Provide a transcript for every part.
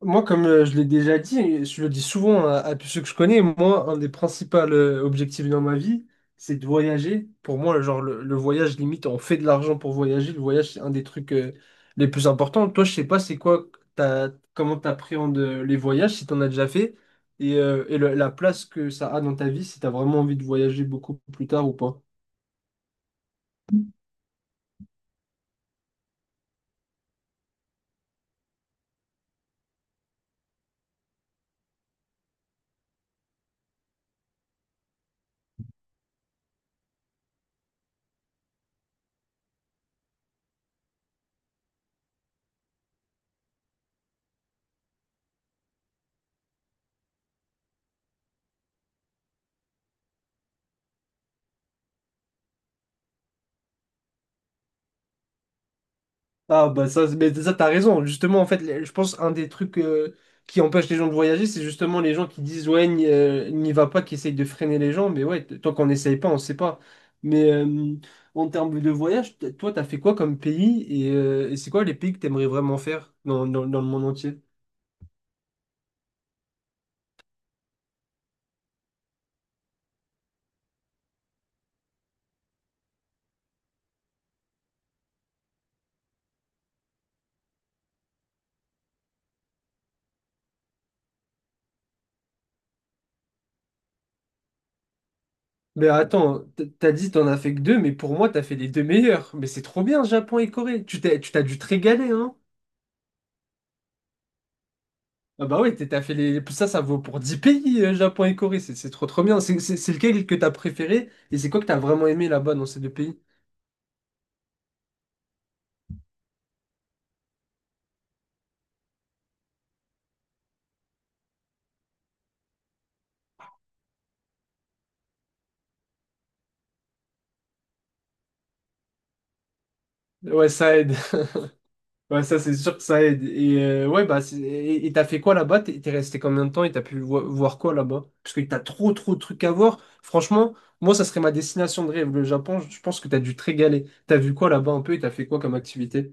Moi, comme je l'ai déjà dit, je le dis souvent à tous ceux que je connais, moi, un des principaux objectifs dans ma vie, c'est de voyager. Pour moi, genre, le voyage, limite, on fait de l'argent pour voyager. Le voyage, c'est un des trucs les plus importants. Toi, je sais pas, c'est quoi, t'as, comment t'appréhendes les voyages, si t'en as déjà fait, et la place que ça a dans ta vie, si t'as vraiment envie de voyager beaucoup plus tard ou pas. Ah bah ça, mais ça t'as raison. Justement, en fait, je pense un des trucs qui empêche les gens de voyager, c'est justement les gens qui disent ouais, n'y va pas, qui essayent de freiner les gens. Mais ouais, tant qu'on n'essaye pas, on sait pas. Mais en termes de voyage, toi, t'as fait quoi comme pays et c'est quoi les pays que t'aimerais vraiment faire dans, dans, dans le monde entier? Mais attends, t'as dit t'en as fait que deux, mais pour moi, t'as fait les deux meilleurs. Mais c'est trop bien, Japon et Corée. Tu t'es, tu t'as dû te régaler, hein. Ah bah oui, t'as fait les... Ça vaut pour 10 pays, Japon et Corée. C'est trop trop bien. C'est lequel que t'as préféré et c'est quoi que t'as vraiment aimé là-bas dans ces deux pays? Ouais, ça aide. Ouais, ça, c'est sûr que ça aide. Et ouais, bah, et t'as fait quoi là-bas? T'es resté combien de temps et t'as pu voir quoi là-bas? Parce que t'as trop trop de trucs à voir. Franchement, moi, ça serait ma destination de rêve, le Japon. Je pense que t'as dû te régaler. T'as vu quoi là-bas un peu et t'as fait quoi comme activité?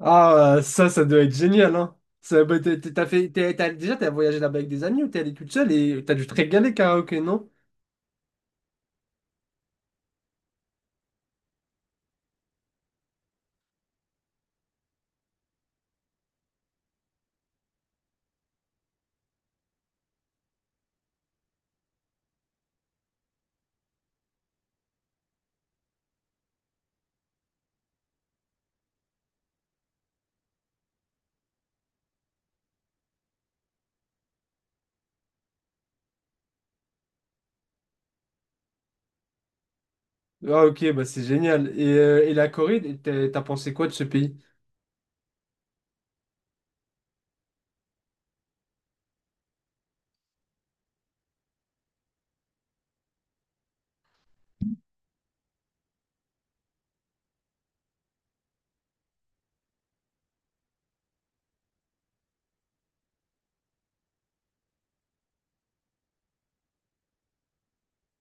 Ah, ça, ça doit être génial, hein. Ça, bah, t'as, t'as fait, t'as, t'as- déjà, t'as voyagé là-bas avec des amis ou t'es allé toute seule et t'as dû te régaler karaoké, non? Ah, ok, bah c'est génial. Et la Corée, t'as pensé quoi de ce pays?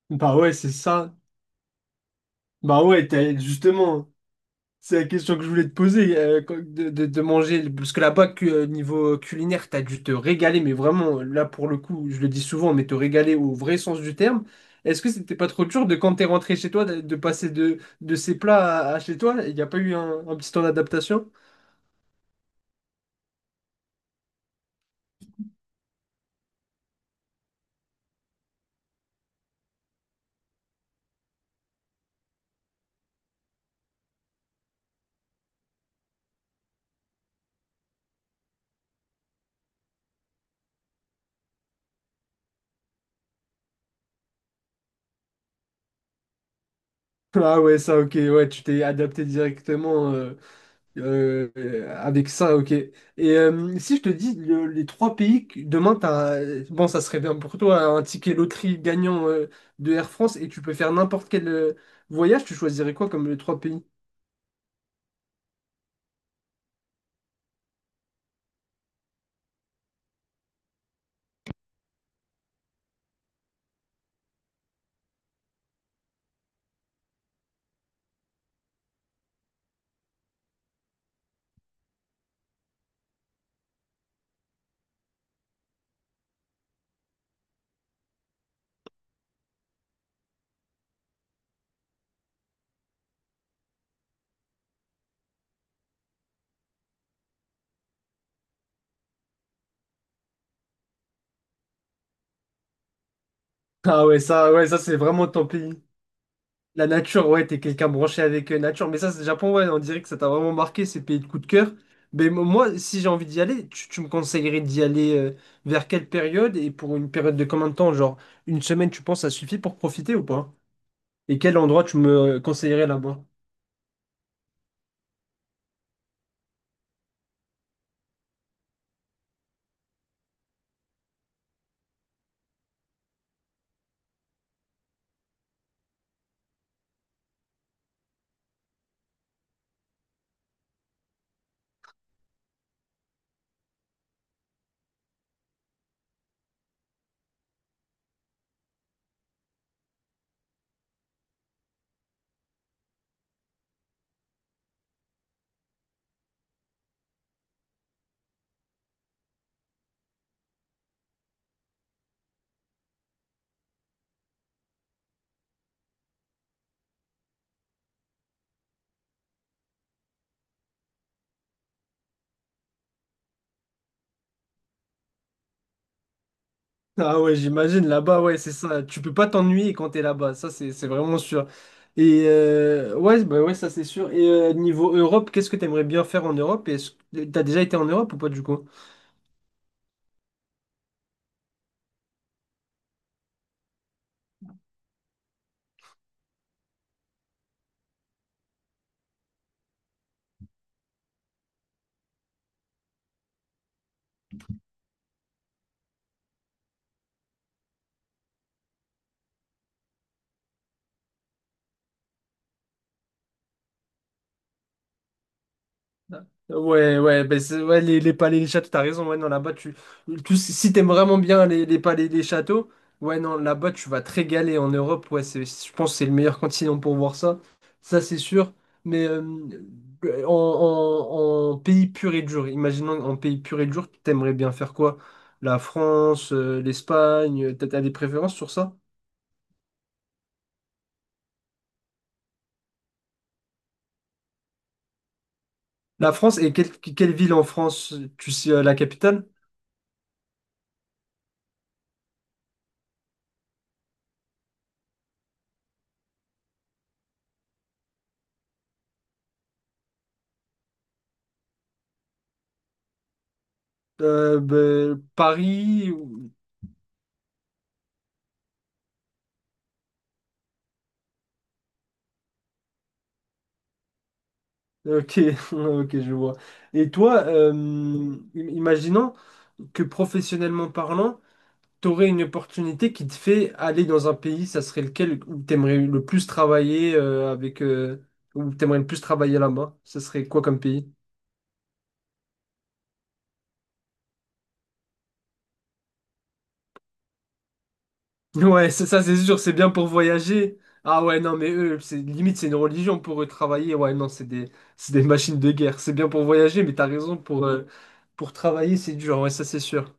Bah ouais, c'est ça. Bah ouais, justement. C'est la question que je voulais te poser, de manger, parce que là-bas, niveau culinaire, t'as dû te régaler, mais vraiment, là pour le coup, je le dis souvent, mais te régaler au vrai sens du terme. Est-ce que c'était pas trop dur de quand t'es rentré chez toi, de passer de ces plats à chez toi? Il n'y a pas eu un petit temps d'adaptation? Ah ouais, ça, ok, ouais, tu t'es adapté directement. Euh, avec ça, ok. Et si je te dis les trois pays, demain, t'as, bon, ça serait bien pour toi, un ticket loterie gagnant de Air France et tu peux faire n'importe quel voyage, tu choisirais quoi comme les trois pays? Ah ouais, ça c'est vraiment ton pays. La nature, ouais, t'es quelqu'un branché avec nature, mais ça, c'est Japon, ouais, on dirait que ça t'a vraiment marqué, ces pays de coup de cœur. Mais moi, si j'ai envie d'y aller, tu me conseillerais d'y aller vers quelle période et pour une période de combien de temps? Genre, une semaine, tu penses, ça suffit pour profiter ou pas? Et quel endroit tu me conseillerais là-bas? Ah ouais, j'imagine là-bas, ouais, c'est ça. Tu peux pas t'ennuyer quand t'es là-bas, ça c'est vraiment sûr. Et ouais, bah ouais, ça c'est sûr. Et niveau Europe, qu'est-ce que t'aimerais bien faire en Europe? Est-ce que t'as déjà été en Europe ou pas du coup? Ouais, ouais, ben ouais les palais, les châteaux, t'as raison, ouais, non, là-bas, si t'aimes vraiment bien les palais, les châteaux, ouais, non, là-bas, tu vas te régaler en Europe, ouais, c'est, je pense que c'est le meilleur continent pour voir ça, ça, c'est sûr, mais en, en pays pur et dur, imaginons en pays pur et dur, t'aimerais bien faire quoi? La France, l'Espagne, t'as des préférences sur ça? La France, et quelle ville en France, tu sais, la capitale? Ben, Paris. Ou- Ok, ok, je vois. Et toi, imaginons que professionnellement parlant, t'aurais une opportunité qui te fait aller dans un pays, ça serait lequel où t'aimerais le plus travailler avec où t'aimerais le plus travailler là-bas? Ça serait quoi comme pays? Ouais, c'est ça, c'est sûr, c'est bien pour voyager. Ah ouais, non, mais eux, c'est limite, c'est une religion pour eux travailler. Ouais, non, c'est des machines de guerre. C'est bien pour voyager, mais t'as raison, pour travailler, c'est dur. Ouais, ça, c'est sûr.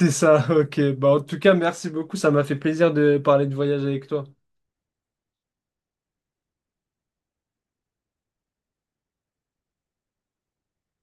C'est ça, ok. Bah, en tout cas, merci beaucoup. Ça m'a fait plaisir de parler de voyage avec toi.